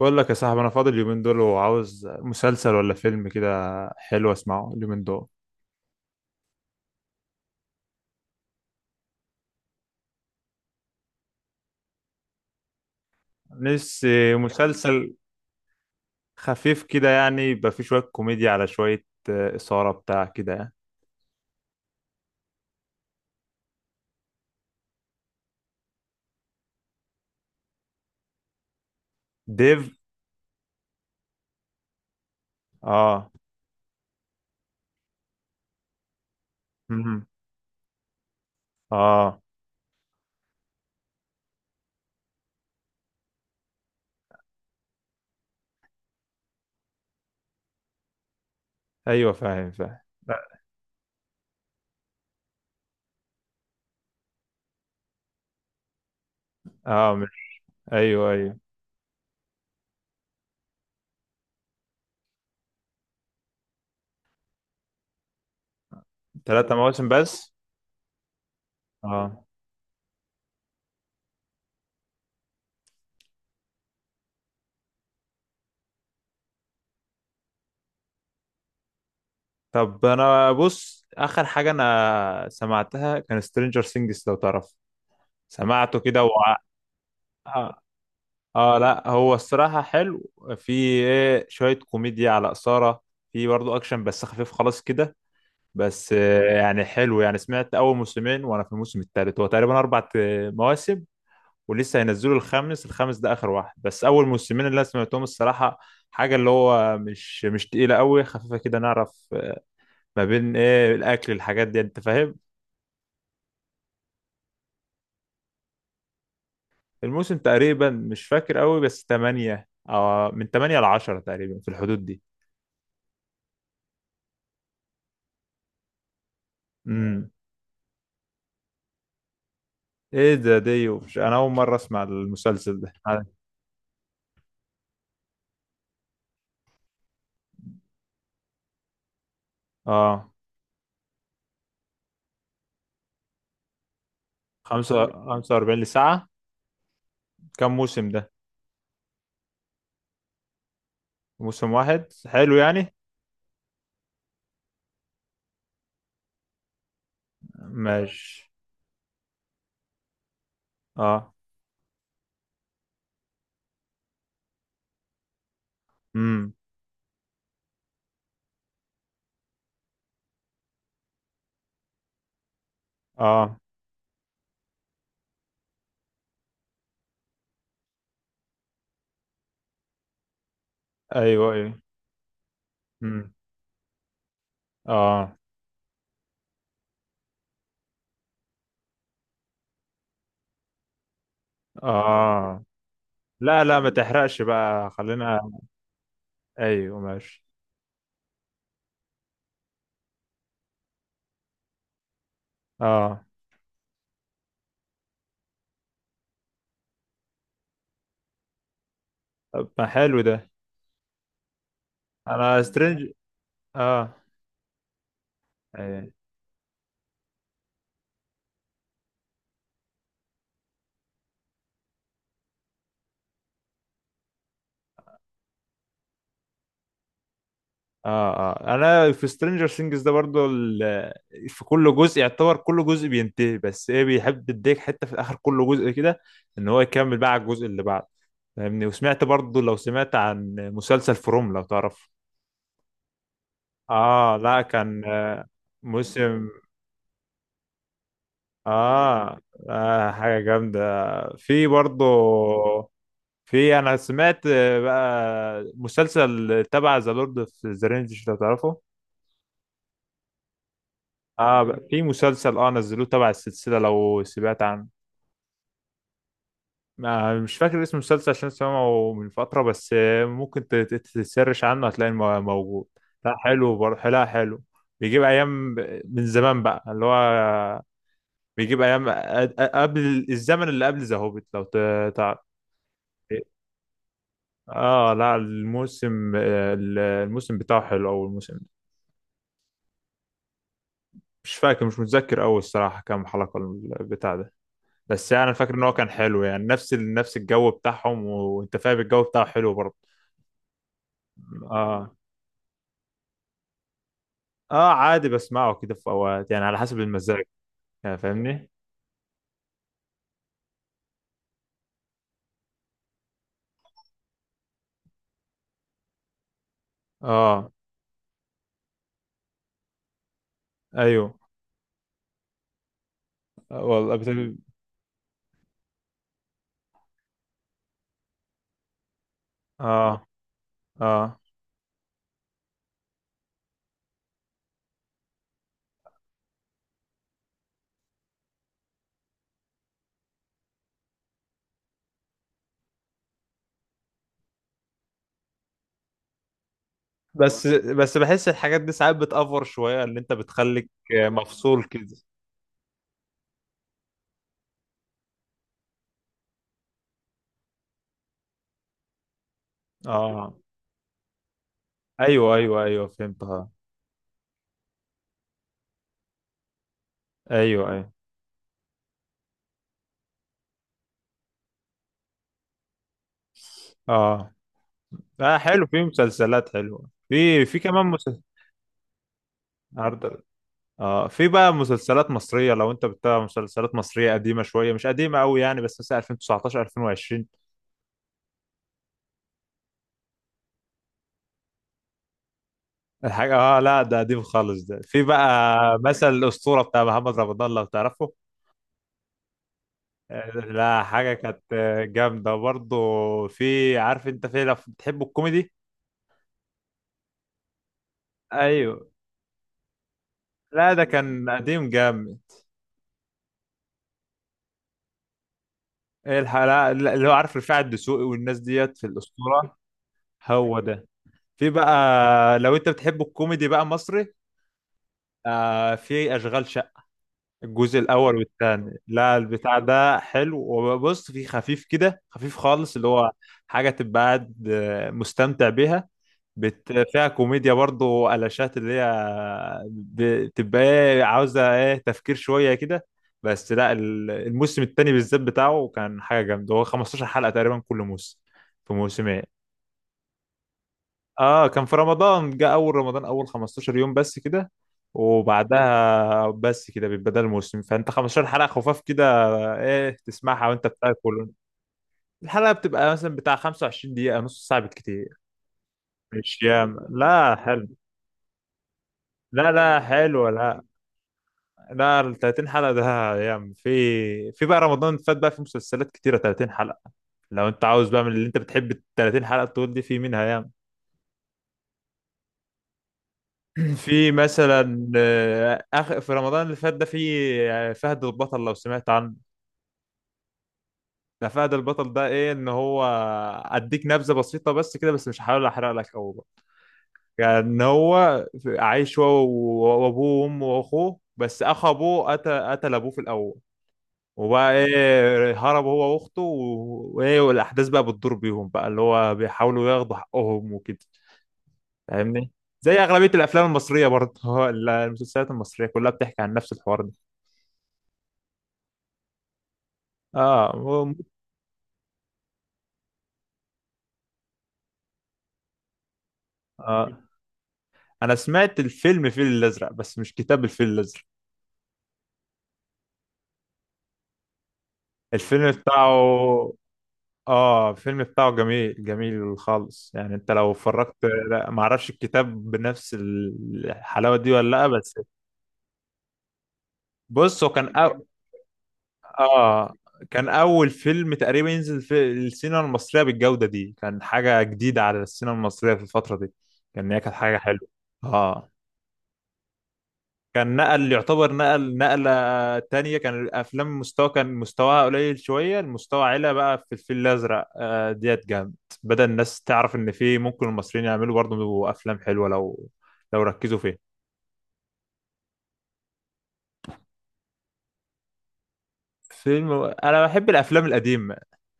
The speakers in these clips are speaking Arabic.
بقول لك يا صاحبي، انا فاضي اليومين دول وعاوز مسلسل ولا فيلم كده. حلو، اسمعه اليومين دول. نفسي مسلسل. خفيف كده يعني، يبقى فيه شوية كوميديا على شوية إثارة بتاع كده يعني. ديف. اه. مم. اه. ايوه، فاهم فاهم. لا. اه مش. ايوه ايوه. 3 مواسم بس. اه. طب انا بص اخر حاجة انا سمعتها كان سترينجر سينجز، لو تعرف. سمعته كده اه لا، هو الصراحة حلو. في ايه شوية كوميديا على إثارة، في برضه أكشن بس خفيف خلاص كده. بس يعني حلو يعني، سمعت أول موسمين وأنا في الموسم التالت. هو تقريبا أربع مواسم، ولسه هينزلوا الخامس. الخامس ده آخر واحد، بس أول موسمين اللي أنا سمعتهم الصراحة حاجة اللي هو مش تقيلة قوي، خفيفة كده نعرف ما بين ايه الأكل الحاجات دي، أنت فاهم. الموسم تقريبا، مش فاكر قوي، بس تمانية أو من تمانية لعشرة تقريبا في الحدود دي. امم. ايه ده؟ دي ومش انا اول مره اسمع المسلسل ده. اه. خمسة وأربعين لساعة. كم موسم ده؟ موسم واحد، حلو يعني. ماشي. اه. امم. اه. ايوه ايوه. امم. اه اه. لا لا، ما تحرقش بقى، خلينا. ايوه ماشي. اه. طب ما حلو ده. انا سترينج اه. أيوة. اه اه، انا في سترينجر سينجز ده برضو في كل جزء، يعتبر كل جزء بينتهي، بس ايه، بيحب يديك حته في اخر كل جزء كده، ان هو يكمل بقى على الجزء اللي بعده. فاهمني؟ وسمعت برضو، لو سمعت عن مسلسل فروم، لو تعرف. اه لا، كان موسم. آه, اه حاجه جامده. في برضو. في، انا سمعت بقى مسلسل تبع ذا لورد اوف ذا رينجز، لو تعرفه. اه في مسلسل، نزلوه تبع السلسلة، لو سمعت عنه. ما مش فاكر اسم المسلسل، عشان سمعه من فترة، بس ممكن تسرش عنه، هتلاقيه موجود. لا حلو برضه، لا حلو. بيجيب أيام من زمان بقى، اللي هو بيجيب أيام قبل الزمن اللي قبل ذا هوبيت، لو تعرف. اه لا، الموسم الموسم بتاعه حلو، أول موسم. مش فاكر، مش متذكر أوي الصراحة كام حلقة البتاع ده، بس يعني فاكر ان هو كان حلو يعني، نفس نفس الجو بتاعهم، وانت فاهم الجو بتاعه حلو برضه. اه. اه عادي، بسمعه كده في اوقات يعني، على حسب المزاج. يعني فاهمني. اه. ايوه. والله بتبقى. اه. اه، بس بحس الحاجات دي ساعات بتأفور شوية، اللي انت بتخليك مفصول كده. اه ايوه ايوه ايوه، فهمت اه. ايوه ايوه. اه اه حلو، في مسلسلات حلوة. في كمان مسلسل. في بقى مسلسلات مصرية، لو انت بتتابع مسلسلات مصرية قديمة شوية، مش قديمة قوي يعني، بس مثلا 2019 2020. الحاجة اه، لا ده قديم خالص ده، في بقى مثل الأسطورة بتاع محمد رمضان، لو تعرفه. لا، حاجة كانت جامدة برضه. في، عارف انت، في لو بتحب الكوميدي. ايوه. لا، ده كان قديم جامد. ايه الحلقة اللي هو عارف، رفاعي الدسوقي والناس ديت في الأسطورة. هو ده، في بقى لو انت بتحب الكوميدي بقى مصري. في أشغال، الجزء الاول والثاني، لا البتاع ده حلو. وبص فيه خفيف كده، خفيف خالص، اللي هو حاجه تبقى قاعد مستمتع بيها. فيها كوميديا برضه وقلاشات، اللي هي بتبقى ايه، عاوزه ايه، تفكير شويه كده. بس لا، الموسم الثاني بالذات بتاعه كان حاجه جامده. هو 15 حلقه تقريبا كل موسم، في موسمين. اه كان في رمضان جه، اول رمضان اول 15 يوم بس كده، وبعدها بس كده بيبقى ده الموسم، فانت 15 حلقة خفاف كده، ايه، تسمعها وانت بتاكل. الحلقة بتبقى مثلا بتاع 25 دقيقة، نص ساعة بالكتير. مش ياما، لا حلو. لا لا حلو لا. لا، ال 30 حلقة ده ياما، في بقى رمضان فات، بقى في مسلسلات كتيرة 30 حلقة. لو انت عاوز بقى من اللي انت بتحب ال 30 حلقة طول دي، في منها. في مثلا آخر في رمضان اللي فات ده، في فهد البطل، لو سمعت عنه. ده فهد البطل ده ايه؟ ان هو، اديك نبذه بسيطه بس كده، بس مش هحاول احرق لك قوي بقى. يعني ان هو عايش هو وابوه وامه واخوه، بس اخ ابوه قتل ابوه في الاول، وبقى ايه، هرب هو واخته وايه، والاحداث بقى بتدور بيهم بقى، اللي هو بيحاولوا ياخدوا حقهم وكده. فاهمني. زي اغلبيه الافلام المصريه برضه المسلسلات المصريه كلها بتحكي عن نفس الحوار ده. اه آه انا سمعت الفيلم الفيل الازرق، بس مش كتاب الفيل الازرق. الفيلم بتاعه، اه الفيلم بتاعه جميل، جميل خالص يعني، انت لو اتفرجت. لا، ما اعرفش الكتاب بنفس الحلاوة دي ولا لا، بس بص هو كان اه كان اول فيلم تقريبا ينزل في السينما المصرية بالجودة دي. كان حاجة جديدة على السينما المصرية في الفترة دي، كان هي كانت حاجة حلوة. اه. كان نقل يعتبر نقلة تانية. كان الأفلام المستوى، كان مستواها قليل شوية، المستوى علا بقى في الفيل الأزرق ديت جامد. بدأ الناس تعرف إن في ممكن المصريين يعملوا برضه أفلام حلوة لو ركزوا فيها. فيلم. أنا بحب الأفلام القديمة،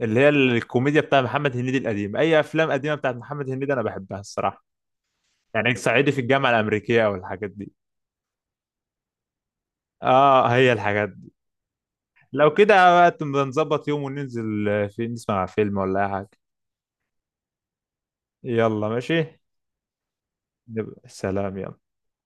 اللي هي الكوميديا بتاع محمد هنيدي القديم، أي أفلام قديمة بتاعت محمد هنيدي أنا بحبها الصراحة. يعني صعيدي في الجامعة الأمريكية أو الحاجات دي. هي الحاجات دي. لو كده بقى، نظبط يوم وننزل في نسمع فيلم ولا أي حاجة. يلا ماشي. سلام يا